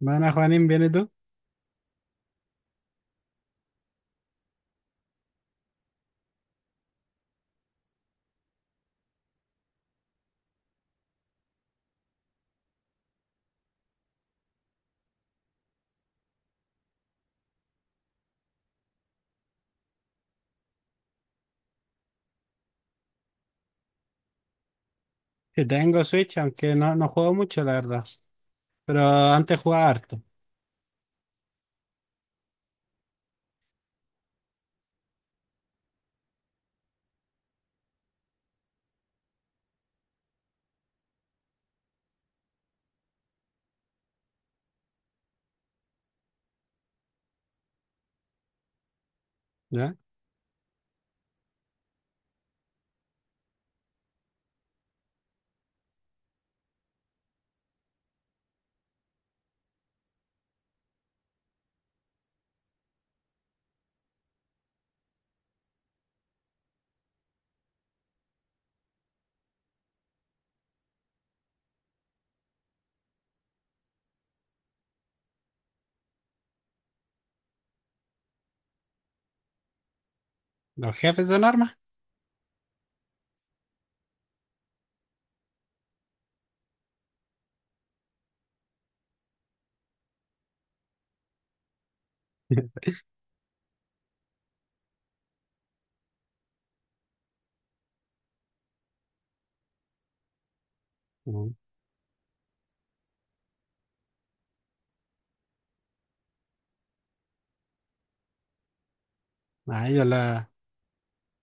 Bueno, Juanín, ¿vienes tú? Sí, tengo Switch, aunque no juego mucho, la verdad. Pero antes jugaba harto, ¿ya? Los jefes son armas. Mm. Ah,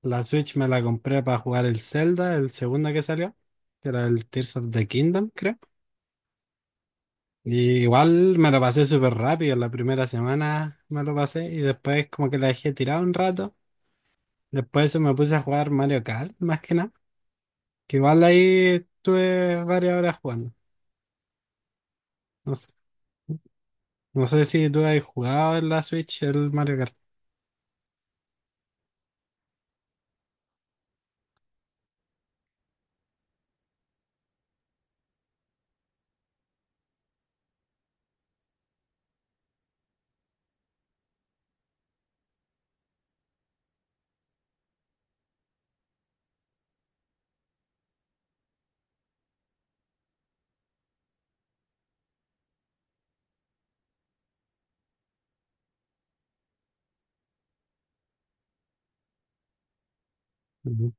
la Switch me la compré para jugar el Zelda, el segundo que salió, que era el Tears of the Kingdom, creo. Y igual me lo pasé súper rápido, la primera semana me lo pasé y después como que la dejé tirada un rato. Después de eso me puse a jugar Mario Kart, más que nada, que igual ahí estuve varias horas jugando. No sé si tú has jugado en la Switch el Mario Kart. Ujú.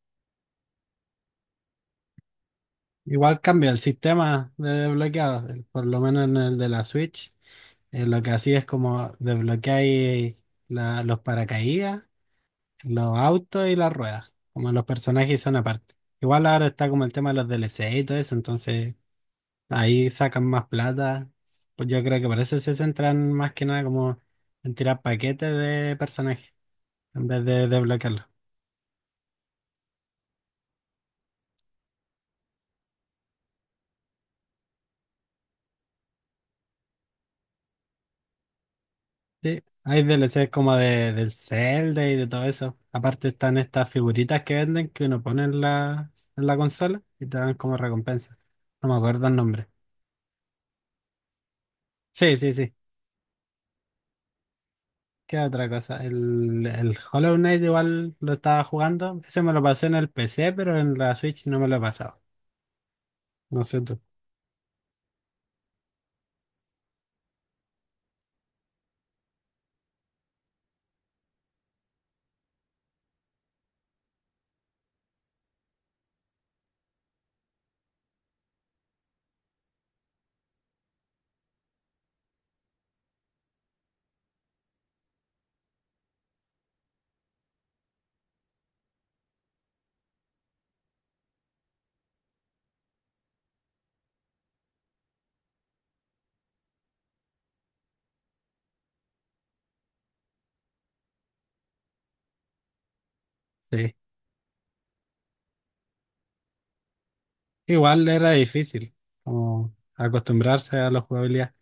Igual cambia el sistema de desbloqueado, por lo menos en el de la Switch. Lo que hacía es como desbloqueáis los paracaídas, los autos y las ruedas. Como los personajes son aparte. Igual ahora está como el tema de los DLC y todo eso, entonces ahí sacan más plata. Pues yo creo que por eso se centran más que nada como en tirar paquetes de personajes en vez de desbloquearlos. Sí, hay DLC como de, del Zelda y de todo eso. Aparte están estas figuritas que venden que uno pone en en la consola y te dan como recompensa. No me acuerdo el nombre. Sí, sí, sí. ¿Qué otra cosa? El Hollow Knight igual lo estaba jugando. Ese me lo pasé en el PC, pero en la Switch no me lo he pasado. No sé tú. Sí. Igual era difícil como acostumbrarse a la jugabilidad.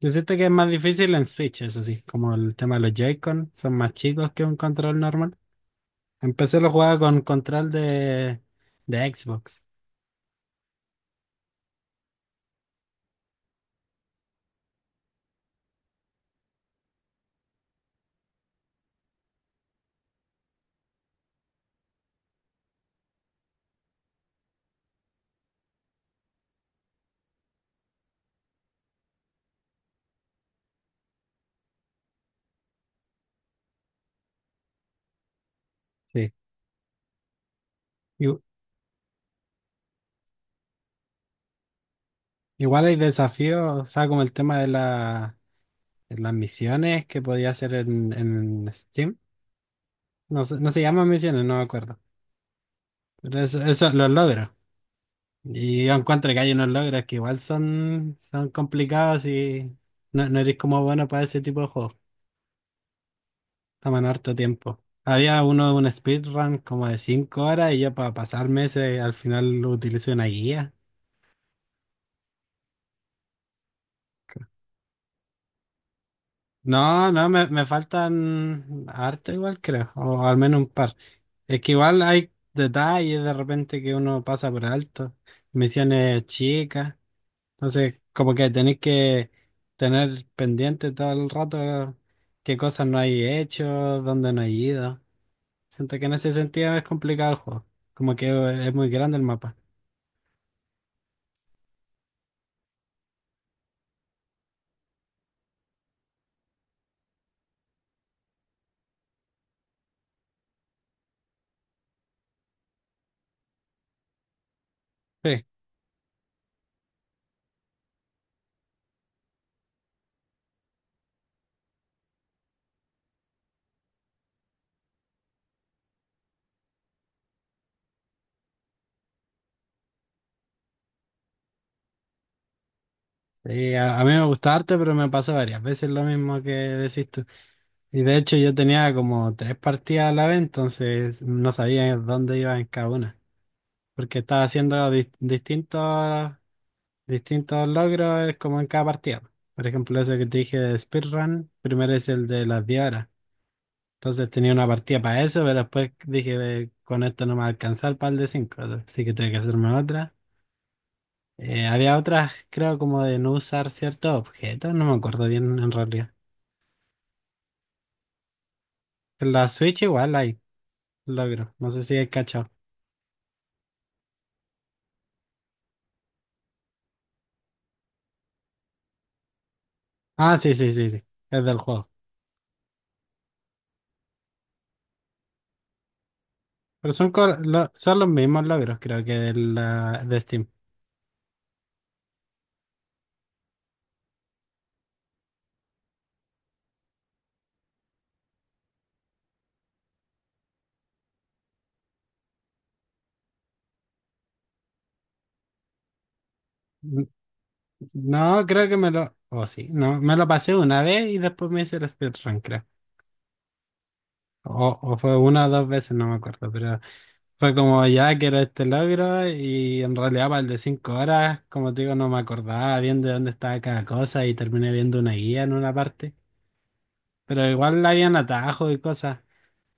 Yo siento que es más difícil en Switch, eso sí. Como el tema de los Joy-Con son más chicos que un control normal. Empecé la jugada con de Xbox. Sí. Igu- Igual hay desafíos, o sea, como el tema de las misiones que podía hacer en Steam. No, no se llaman misiones, no me acuerdo. Pero eso los logros. Y yo encuentro que hay unos logros que igual son complicados y no eres como bueno para ese tipo de juegos. Toman harto tiempo. Había uno de un speedrun como de 5 horas y yo para pasarme ese al final utilicé una guía. No, me faltan harto igual creo, o al menos un par. Es que igual hay detalles de repente que uno pasa por alto, misiones chicas, entonces como que tenéis que tener pendiente todo el rato qué cosas no hay hecho, dónde no hay ido. Siento que en ese sentido es complicado el juego, como que es muy grande el mapa. Sí. Sí, a mí me gusta harto, pero me pasó varias veces lo mismo que decís tú. Y de hecho yo tenía como 3 partidas a la vez, entonces no sabía dónde iba en cada una, porque estaba haciendo distintos logros como en cada partida. Por ejemplo, eso que te dije de speedrun, primero es el de las 10 horas. Entonces tenía una partida para eso, pero después dije, con esto no me va a alcanzar para el de cinco, así que tuve que hacerme otra. Había otras, creo, como de no usar ciertos objetos, no me acuerdo bien en realidad." En la Switch igual hay logros, no sé si hay cachado. Ah, sí, sí, sí, sí. Es del juego. Pero son, son los mismos logros, creo que de Steam. N- No, creo que me lo. Oh, sí. No, me lo pasé una vez y después me hice el speedrun, creo. O fue una o dos veces, no me acuerdo. Pero fue como ya quiero este logro y en realidad para el de 5 horas, como te digo, no me acordaba bien de dónde estaba cada cosa y terminé viendo una guía en una parte. Pero igual habían atajos y cosas.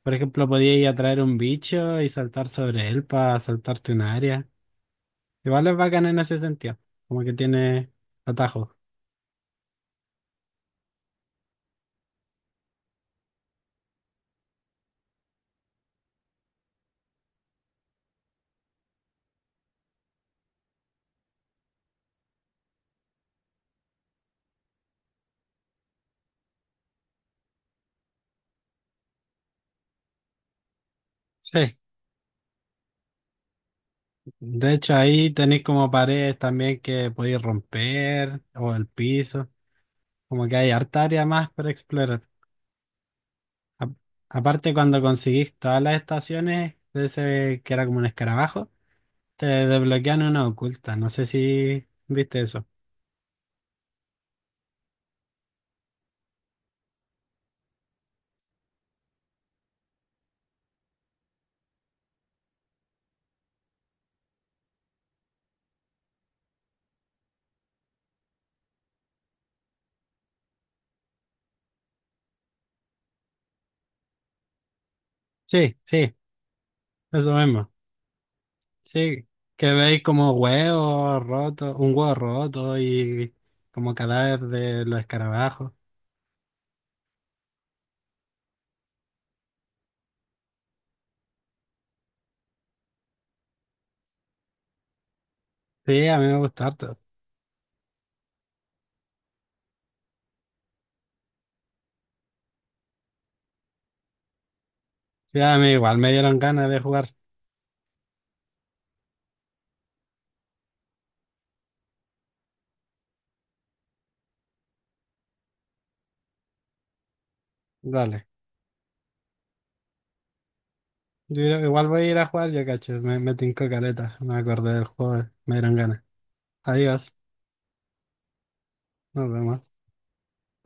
Por ejemplo, podía ir a traer un bicho y saltar sobre él para saltarte un área. Igual es bacán en ese sentido, como que tiene atajos. Sí, de hecho ahí tenéis como paredes también que podéis romper o el piso, como que hay harta área más para explorar. A- Aparte cuando conseguís todas las estaciones de ese que era como un escarabajo, te desbloquean una oculta, no sé si viste eso. Sí, sí, eso mismo. Sí, que veis como huevos rotos, un huevo roto y como cadáver de los escarabajos. Sí, a mí me gusta harto. Sí, a mí igual me dieron ganas de jugar. Dale. Igual voy a ir a jugar, yo cacho. Me tincó caleta. Me acordé del juego. Me dieron ganas. Adiós. Nos vemos.